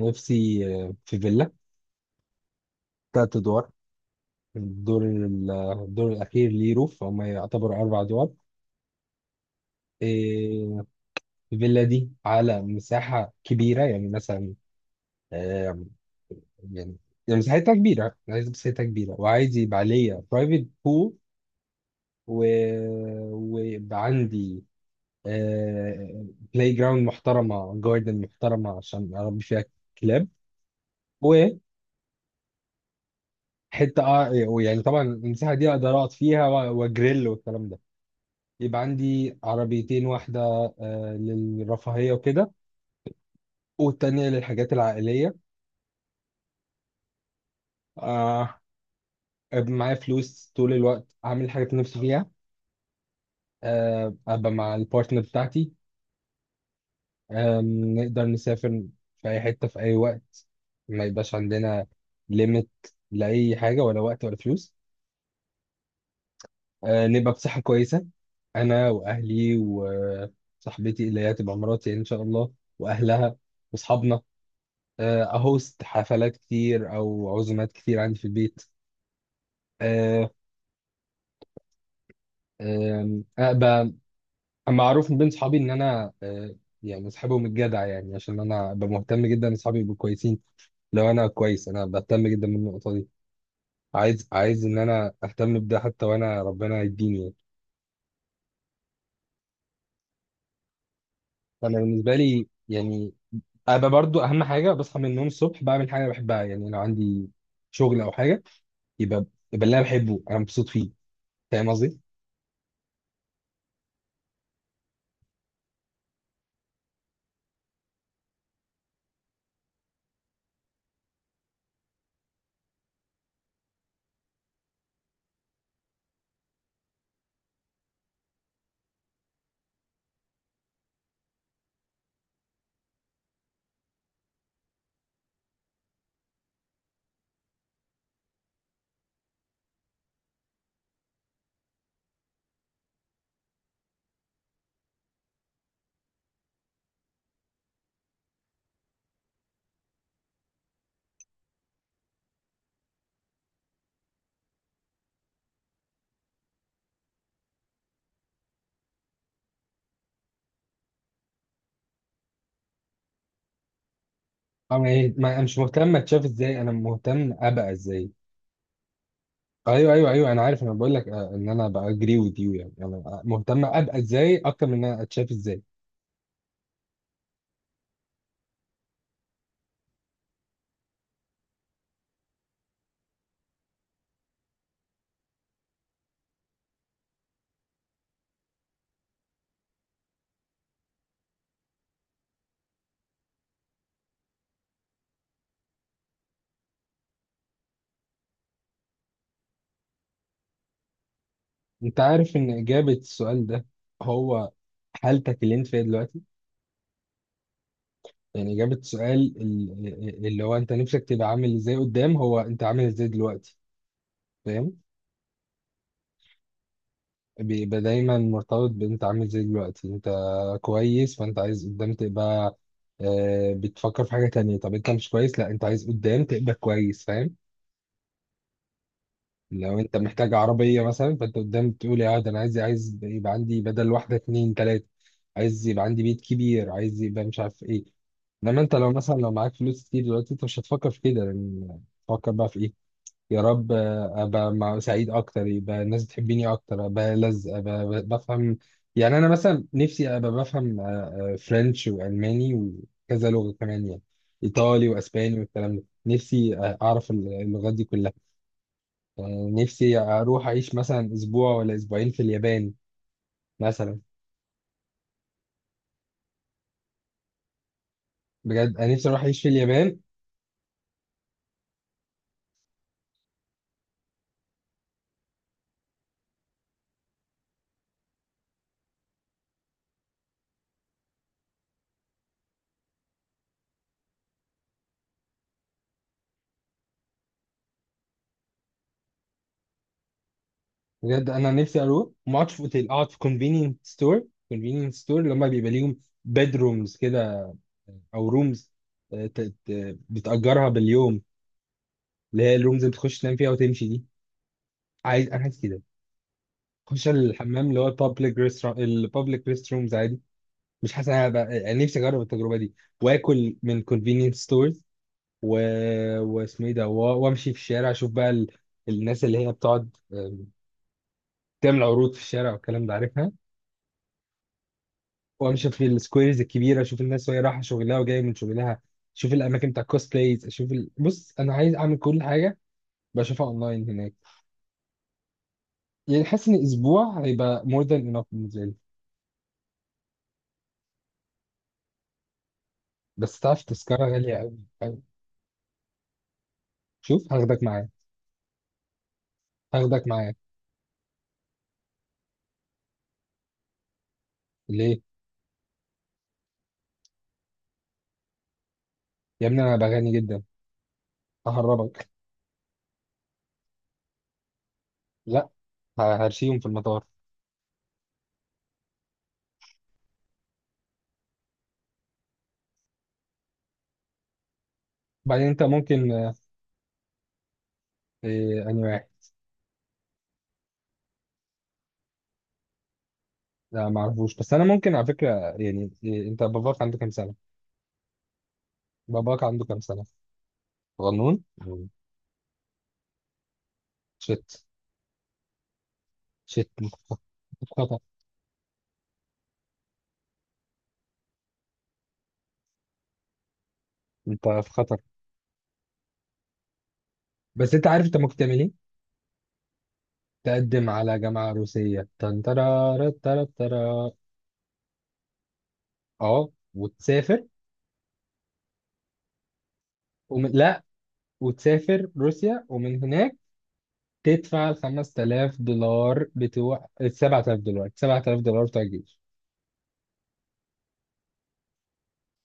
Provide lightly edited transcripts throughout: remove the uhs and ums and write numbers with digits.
نفسي في فيلا تلات أدوار. الدور الأخير ليه روف، هما يعتبروا أربع أدوار. إيه، الفيلا دي على مساحة كبيرة، يعني مثلا آه، يعني مساحتها كبيرة، عايز مساحتها كبيرة وعايز يبقى عليا برايفت بول، و... ويبقى عندي بلاي جراوند محترمة، جاردن محترمة عشان أربي فيها كلاب وحتة. آه، يعني طبعا المساحة دي أقدر أقعد فيها وأجريل والكلام ده. يبقى عندي عربيتين، واحدة للرفاهية وكده، والتانية للحاجات العائلية. آه، أبقى معايا فلوس طول الوقت، أعمل الحاجات اللي نفسي فيها. أبقى مع البارتنر بتاعتي. نقدر نسافر في أي حتة في أي وقت، ما يبقاش عندنا ليميت لأي حاجة، ولا وقت ولا فلوس. نبقى بصحة كويسة، أنا وأهلي وصاحبتي اللي هي تبقى مراتي إن شاء الله، وأهلها وأصحابنا. اهوست حفلات كتير او عزومات كتير عندي في البيت. آه، آم، ابقى معروف من بين صحابي ان انا، يعني اصحابهم الجدع، يعني عشان انا ابقى مهتم جدا ان صحابي يبقوا كويسين. لو انا كويس انا بهتم جدا من النقطه دي. عايز ان انا اهتم بده حتى وانا ربنا يديني، يعني. فانا بالنسبه لي يعني ابقى برضو اهم حاجه، بصحى من النوم الصبح بعمل حاجه أنا بحبها. يعني لو عندي شغل او حاجه، يبقى يبقى اللي انا بحبه انا مبسوط فيه. فاهم قصدي؟ أو إيه؟ ما أنا مش مهتم أتشاف إزاي، أنا مهتم أبقى إزاي. أيوه، أيوه، أيوه، أنا عارف، أنا بقول لك، إن أنا بقى أجري وذ يو، يعني أنا مهتم أبقى إزاي أكتر من إن أنا أتشاف إزاي. أنت عارف إن إجابة السؤال ده هو حالتك اللي أنت فيها دلوقتي؟ يعني إجابة السؤال اللي هو أنت نفسك تبقى عامل إزاي قدام، هو أنت عامل إزاي دلوقتي. فاهم؟ بيبقى دايما مرتبط بانت عامل زي دلوقتي. انت كويس، فانت عايز قدام تبقى بتفكر في حاجة تانية. طب انت مش كويس، لا انت عايز قدام تبقى كويس، فاهم؟ لو انت محتاج عربية مثلا، فانت قدام بتقول يا ده انا عايز، يبقى عندي بدل واحدة اتنين تلاتة. عايز يبقى عندي بيت كبير، عايز يبقى مش عارف ايه. انما انت لو مثلا لو معاك فلوس كتير دلوقتي، انت مش هتفكر في كده. لان تفكر بقى في ايه؟ يا رب ابقى مع سعيد اكتر، يبقى الناس بتحبني اكتر، ابقى لذ، ابقى بفهم. يعني انا مثلا نفسي ابقى بفهم فرنش والماني وكذا لغه كمان، يعني ايطالي واسباني والكلام ده. نفسي اعرف اللغات دي كلها. نفسي اروح اعيش مثلا اسبوع ولا اسبوعين في اليابان مثلا. بجد انا نفسي اروح اعيش في اليابان. بجد انا نفسي اروح ما اقعدش في اوتيل، اقعد في كونفينينت ستور، كونفينينت ستور اللي هم بيبقى ليهم بيدرومز كده او رومز بتأجرها باليوم، اللي هي الرومز اللي بتخش تنام فيها وتمشي دي. عايز كده اخش الحمام اللي هو البابليك ريست، البابليك ريست رومز عادي. مش حاسس، انا هبقى يعني نفسي اجرب التجربه دي، واكل من كونفينينس ستورز، و... واسمه ايه ده و- وامشي في الشارع، اشوف بقى الناس اللي هي بتقعد تعمل عروض في الشارع والكلام ده، عارفها. وامشي في السكويرز الكبيره، اشوف الناس وهي رايحه شغلها وجايه من شغلها. اشوف الاماكن بتاع كوست بلايز، اشوف بص انا عايز اعمل كل حاجه بشوفها اونلاين هناك. يعني حاسس ان اسبوع هيبقى more than enough بالنسبه لي. بس تعرف تذكره غاليه قوي قوي. شوف، هاخدك معايا. هاخدك معايا. ليه؟ يا ابني انا بغني جدا، ههربك. لا، هرشيهم في المطار. بعدين انت ممكن إيه، اني واحد. لا ما اعرفوش، بس انا ممكن على فكره، يعني إيه، انت باباك عنده كام سنه؟ باباك عنده كام سنه؟ غنون. مم. شت. شت، انت في خطر. انت في خطر. بس انت عارف انت ممكن تعمل ايه؟ تقدم على جامعه روسيه، تنترا ترى ترى ترى، اه وتسافر. ومن لا وتسافر روسيا، ومن هناك تدفع ال 5000 دولار بتوع ال 7000 دولار، 7000 دولار بتوع الجيش.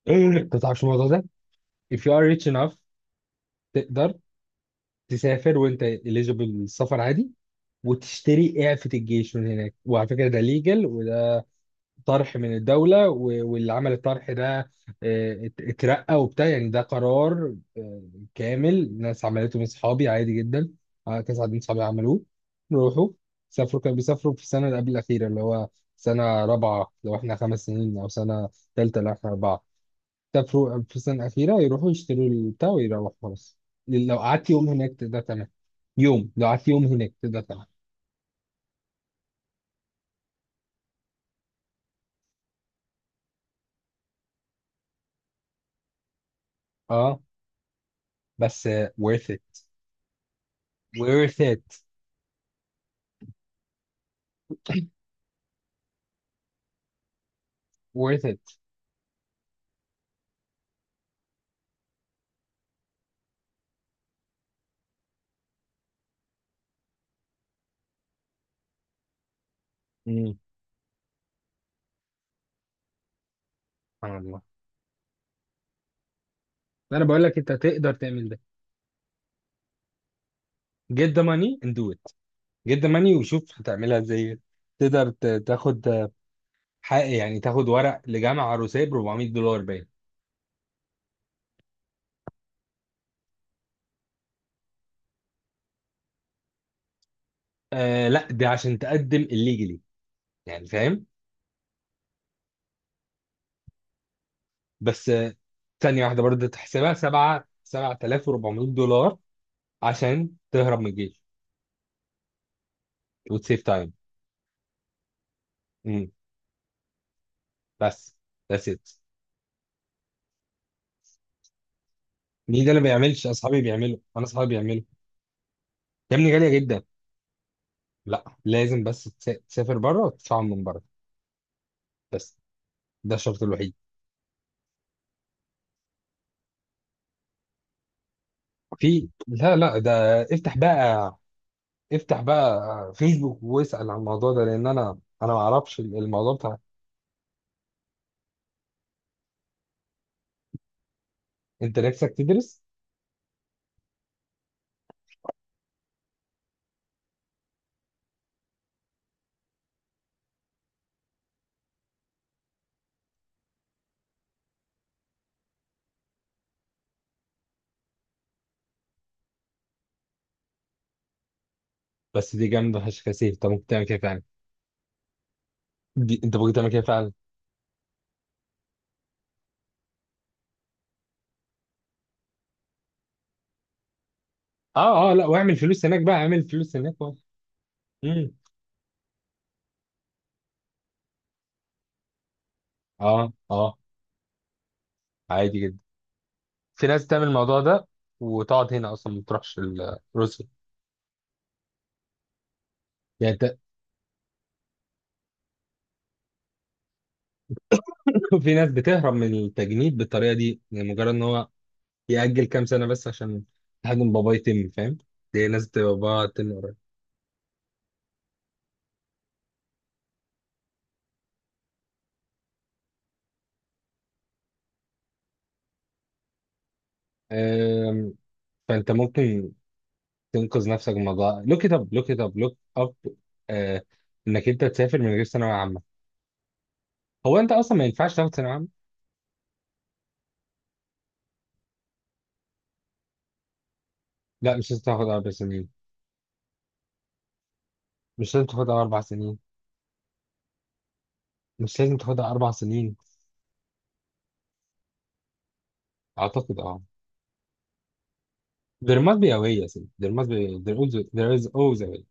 إيه. انت تعرفش الموضوع ده؟ If you are rich enough، تقدر تسافر وانت eligible للسفر عادي، وتشتري اعفة الجيش من هناك. وعلى فكرة ده legal، وده طرح من الدولة، واللي عمل الطرح ده اترقى وبتاع. يعني ده قرار كامل، ناس عملته من صحابي عادي جدا. كذا عدد من صحابي عملوه، روحوا سافروا. كانوا بيسافروا في السنة اللي قبل الأخيرة، اللي هو سنة رابعة لو احنا خمس سنين، أو سنة تالتة لو احنا أربعة. سافروا في السنة الأخيرة، يروحوا يشتروا البتاع ويروحوا خلاص. لو قعدت يوم هناك تقدر تعمل لو قعدت يوم هناك تقدر تعمل. اه، بس worth it worth it. سبحان الله. انا بقول لك انت تقدر تعمل ده. Get the money and do it. Get the money وشوف هتعملها ازاي. تقدر تاخد حق، يعني تاخد ورق لجامعه عروسيه ب 400 دولار باين. آه لا، ده عشان تقدم الليجلي، يعني، فاهم؟ بس ثانيه واحده، برضه تحسبها 7 7400 دولار عشان تهرب من الجيش وتسيف تايم. امم، بس that's it. مين ده اللي بيعملش؟ اصحابي بيعملوا، انا اصحابي بيعملوا. يا ابني غاليه جدا. لا، لازم بس تسافر بره وتدفعهم من بره، بس. ده الشرط الوحيد. في، لا لا ده افتح بقى، افتح بقى فيسبوك واسأل عن الموضوع ده، لان انا ما اعرفش الموضوع بتاع. انت نفسك تدرس؟ بس دي جامده فشخ يا سيف، انت ممكن تعمل كده فعلا. دي انت ممكن تعمل كده فعلا. اه لا، واعمل فلوس هناك بقى، اعمل فلوس هناك مم. اه عادي جدا، في ناس تعمل الموضوع ده وتقعد هنا اصلا ما تروحش روسيا. يعني انت، في ناس بتهرب من التجنيد بالطريقه دي، يعني مجرد ان هو يأجل كام سنة بس، عشان حد من بابا يتم، فاهم؟ دي ناس بتبقى بابا تم قريب. أم، فأنت ممكن تنقذ نفسك من الموضوع. لوك إت أب، لوك إت أب، لوك أب، إنك أنت تسافر من غير ثانوية عامة. هو أنت أصلا ما ينفعش تاخد ثانوية عامة. لا مش لازم تاخد أربع سنين. مش لازم تاخدها أربع سنين. مش لازم تاخدها أربع سنين. أعتقد أه. There must be a way يا سيدي. There must be. There is، there is always a way.